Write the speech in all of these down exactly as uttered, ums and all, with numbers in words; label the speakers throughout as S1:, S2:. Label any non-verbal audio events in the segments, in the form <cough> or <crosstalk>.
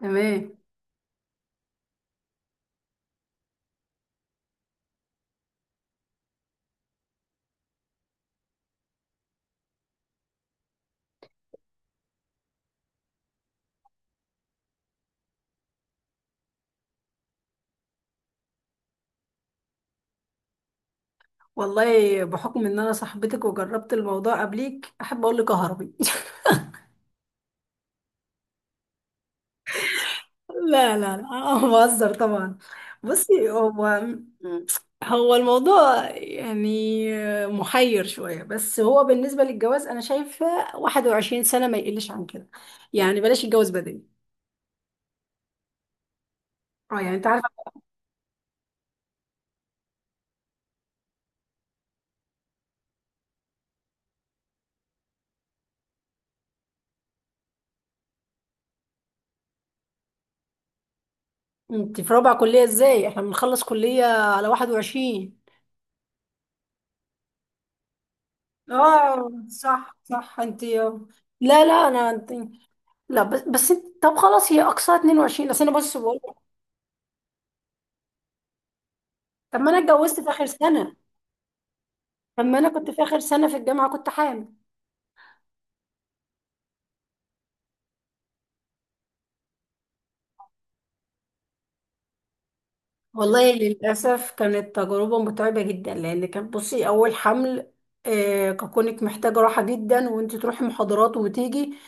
S1: تمام. والله بحكم ان انا صاحبتك وجربت الموضوع قبليك احب اقول لك هربي. <laughs> لا لا لا، أنا بهزر طبعا. بصي، هو هو الموضوع يعني محير شوية، بس هو بالنسبة للجواز أنا شايفة واحد وعشرين سنة ما يقلش عن كده. يعني بلاش الجواز بدري. اه، يعني أنت عارفة. أنت في رابعة كلية؟ إزاي احنا بنخلص كلية على واحد وعشرين؟ اه، صح صح. أنت، لا لا أنا أنت، لا، بس بس انت- طب خلاص هي اقصاها اتنين وعشرين، بس انا بص بقول لك، طب ما انا اتجوزت في اخر سنه. طب ما انا كنت في اخر سنه في الجامعه كنت حامل. والله للاسف كانت تجربه متعبه جدا، لان كان بصي اول حمل. آه ككونك محتاجه راحه جدا وانت تروحي محاضرات وتيجي.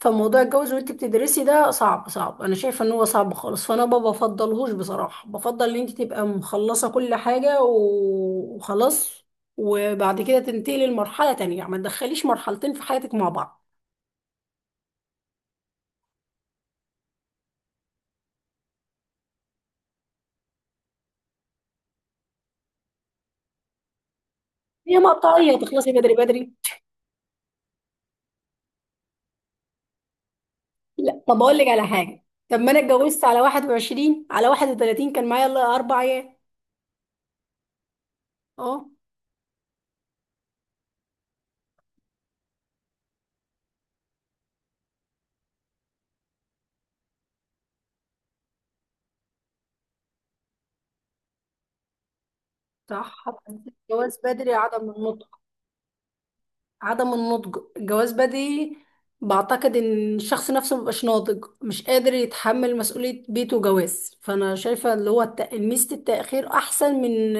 S1: فموضوع الجواز وانت بتدرسي ده صعب صعب، انا شايفه ان هو صعب خالص، فانا ما بفضلهوش بصراحه، بفضل ان انت تبقى مخلصه كل حاجه و- وخلاص. وبعد كده تنتقلي لمرحله تانية، يعني ما تدخليش مرحلتين في حياتك مع بعض. هي مقطعيه تخلصي بدري بدري. لا، طب اقول لك على حاجه، طب ما انا اتجوزت على واحد وعشرين، على واحد وثلاثين كان معايا الا اربع ايام. اه صح. الجواز بدري عدم النضج. عدم النضج الجواز بدري. بعتقد ان الشخص نفسه مبقاش ناضج مش قادر يتحمل مسؤولية بيته وجواز، فانا شايفة اللي هو الت- ميزة التأخير احسن من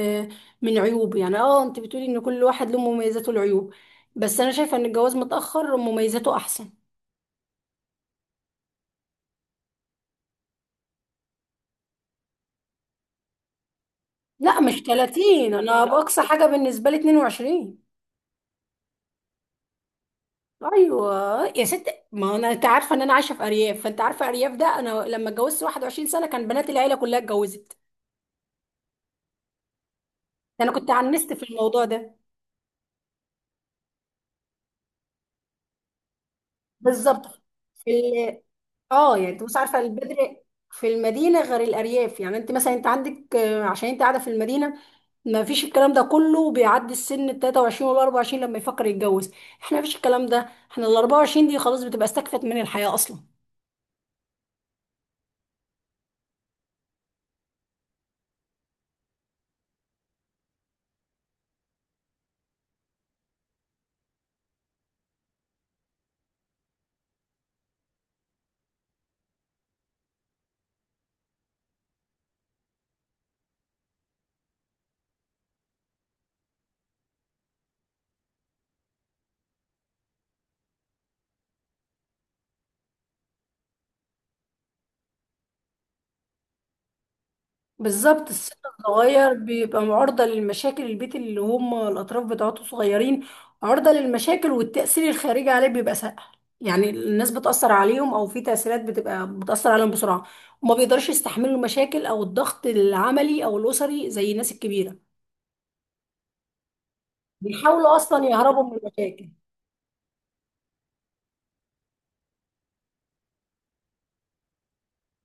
S1: من عيوب، يعني اه انت بتقولي ان كل واحد له مميزاته والعيوب، بس انا شايفة ان الجواز متأخر مميزاته احسن. لا مش تلاتين، انا باقصى حاجة بالنسبة لي اتنين وعشرين. ايوه. يا ست، ما انا انت عارفه ان انا عايشه في ارياف، فانت عارفه ارياف ده انا لما اتجوزت واحد وعشرين سنه كان بنات العيله كلها اتجوزت. ده انا كنت عنست في الموضوع ده. بالظبط. في ال... اه يعني انت مش عارفه البدر في المدينه غير الارياف، يعني انت مثلا انت عندك، آه، عشان انت قاعده في المدينه ما فيش الكلام ده كله، بيعدي السن ال ثلاثة وعشرون وال اربعة وعشرين لما يفكر يتجوز. احنا ما فيش الكلام ده، احنا ال اربعة وعشرين دي خلاص بتبقى استكفت من الحياه اصلا. بالظبط. السن الصغير بيبقى معرضة للمشاكل، البيت اللي هم الأطراف بتاعته صغيرين، عرضة للمشاكل والتأثير الخارجي عليه بيبقى سهل. يعني الناس بتأثر عليهم أو في تأثيرات بتبقى بتأثر عليهم بسرعة، وما بيقدرش يستحملوا المشاكل أو الضغط العملي أو الأسري زي الناس الكبيرة. بيحاولوا أصلا يهربوا من المشاكل.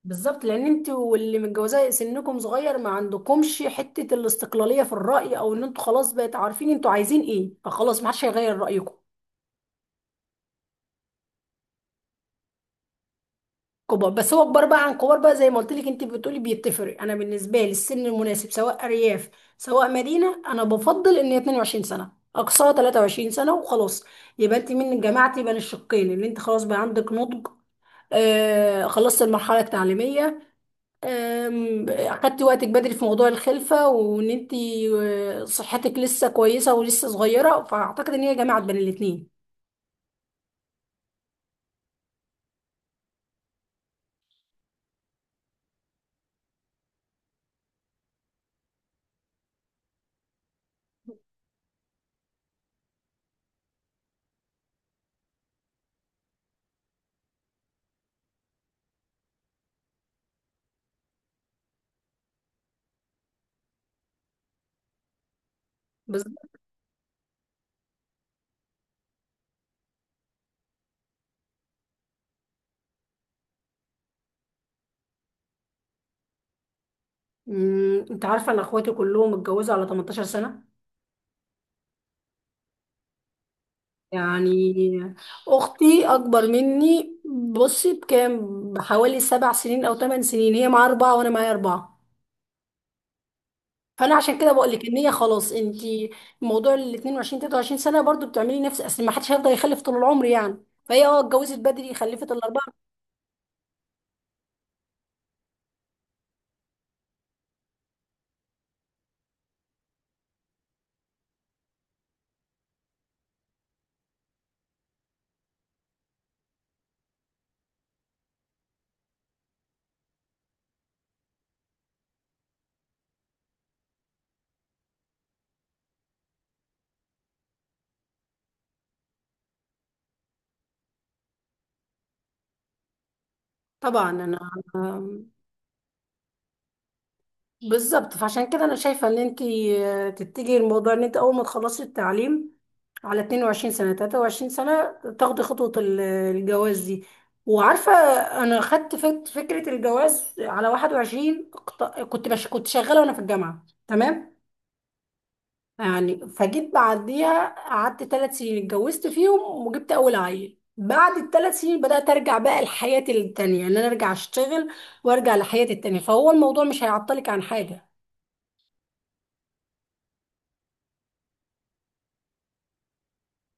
S1: بالظبط، لأن أنت واللي متجوزاه سنكم صغير ما عندكمش حتة الاستقلالية في الرأي، أو إن أنتوا خلاص بقيت عارفين أنتوا عايزين إيه، فخلاص ما حدش هيغير رأيكم. كبار، بس هو كبار بقى عن كبار بقى، زي ما قلت لك انت بتقولي بيتفرق. انا بالنسبه لي السن المناسب، سواء ارياف سواء مدينه، انا بفضل ان هي اتنين وعشرين سنه اقصاها تلاتة وعشرين سنه وخلاص. يبقى انت من جماعتي بين الشقين، اللي انت خلاص بقى عندك نضج، آه خلصت المرحله التعليميه، آم، اخدتي وقتك بدري في موضوع الخلفه، وان انت آه، صحتك لسه كويسه ولسه صغيره، فاعتقد ان هي جماعه بين الاثنين. بس مم، انت عارفه ان اخواتي كلهم اتجوزوا على تمنتاشر سنه. يعني اختي اكبر مني بصي بكام؟ بحوالي سبع سنين او ثمان سنين. هي معاها اربعه وانا معايا اربعه. فانا عشان كده بقول لك ان هي خلاص انت، موضوع ال اتنين وعشرين تلاتة وعشرين سنه برضو بتعملي نفس، اصل ما حدش هيفضل يخلف طول العمر يعني، فهي اه اتجوزت بدري خلفت الاربعه. طبعا انا. بالظبط، فعشان كده انا شايفه ان انت تتجهي الموضوع ان انت اول ما تخلصي التعليم على اتنين وعشرين سنه تلاتة وعشرين سنه، تاخدي خطوه ال- الجواز دي. وعارفه، انا خدت فك- فكره الجواز على واحد وعشرين، اقت- كنت بش كنت شغاله وانا في الجامعه تمام، يعني فجيت بعديها قعدت ثلاث سنين اتجوزت فيهم وجبت اول عيل، بعد الثلاث سنين بدأت أرجع بقى لحياتي التانية، إن أنا أرجع أشتغل وأرجع لحياتي التانية، فهو الموضوع مش هيعطلك عن حاجة.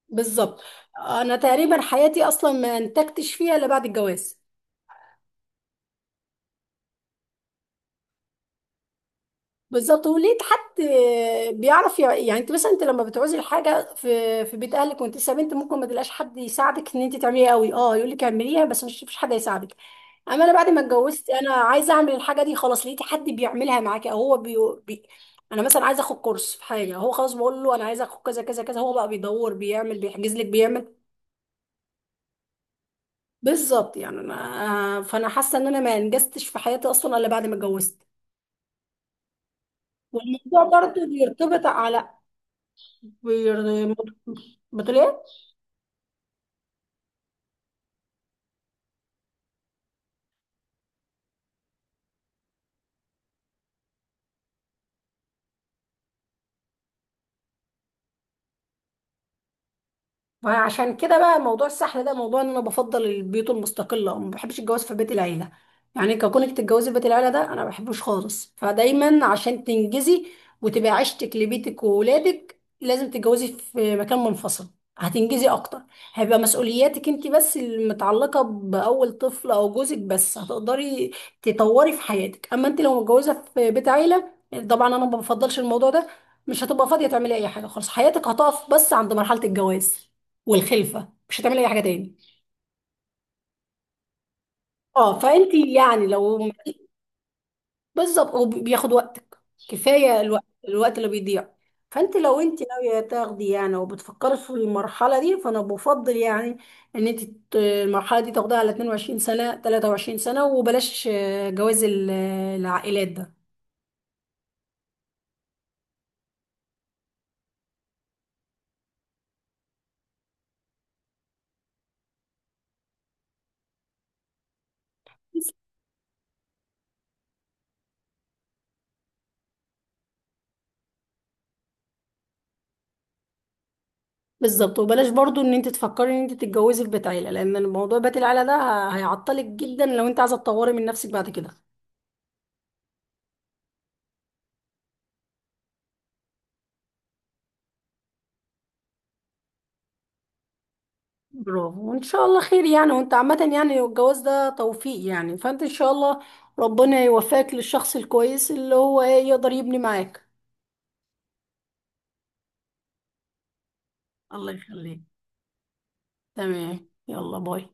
S1: بالظبط. انا تقريبا حياتي اصلا ما انتجتش فيها الا بعد الجواز. بالظبط، ولقيت حد بيعرف يع- يعني انت مثلا انت لما بتعوزي الحاجه في في بيت اهلك وانت لسه بنت ممكن ما تلاقيش حد يساعدك ان انت تعمليها قوي، اه يقول لك اعمليها بس، مش مفيش حد هيساعدك. اما انا بعد ما اتجوزت انا عايزه اعمل الحاجه دي خلاص، لقيت حد بيعملها معاكي، او هو بي... بي... انا مثلا عايزه اخد كورس في حاجه هو خلاص بقول له انا عايزه اخد كذا كذا كذا، هو بقى بيدور بيعمل بيحجز لك بيعمل. بالظبط، يعني انا فانا حاسه ان انا ما انجزتش في حياتي اصلا الا بعد ما اتجوزت. والموضوع برضو بيرتبط على بير... بتقول إيه؟ فعشان كده بقى موضوع السحر ده، موضوع ان انا بفضل البيوت المستقله، ما بحبش الجواز في بيت العيله، يعني كونك تتجوزي في بيت العيله ده انا ما بحبوش خالص. فدايما عشان تنجزي وتبقى عشتك لبيتك وولادك، لازم تتجوزي في مكان منفصل. هتنجزي اكتر، هيبقى مسؤولياتك انت بس المتعلقه باول طفل او جوزك بس، هتقدري تطوري في حياتك، اما انت لو متجوزه في بيت عيله، طبعا انا ما بفضلش الموضوع ده، مش هتبقى فاضيه تعملي اي حاجه خالص، حياتك هتقف بس عند مرحله الجواز والخلفه مش هتعملي اي حاجه تاني. اه، فانت يعني لو. بالظبط، وبياخد وقتك، كفايه الوقت الوقت اللي بيضيع. فانت لو انت ناويه تاخدي يعني، وبتفكري في المرحله دي، فانا بفضل يعني ان انت ت- المرحله دي تاخديها على اتنين وعشرين سنه تلاتة وعشرين سنه، وبلاش آه، جواز ال- العائلات ده. بالظبط، وبلاش برضو ان انت تفكري ان انت تتجوزي في بيت عيله، لان الموضوع بيت العيله ده هيعطلك جدا لو انت عايزه تطوري من نفسك بعد كده. برافو، وان شاء الله خير يعني. وانت عامة يعني الجواز ده توفيق يعني، فانت ان شاء الله ربنا يوفقك للشخص الكويس اللي هو ايه يقدر يبني معاك. الله يخليك. تمام، يلا باي.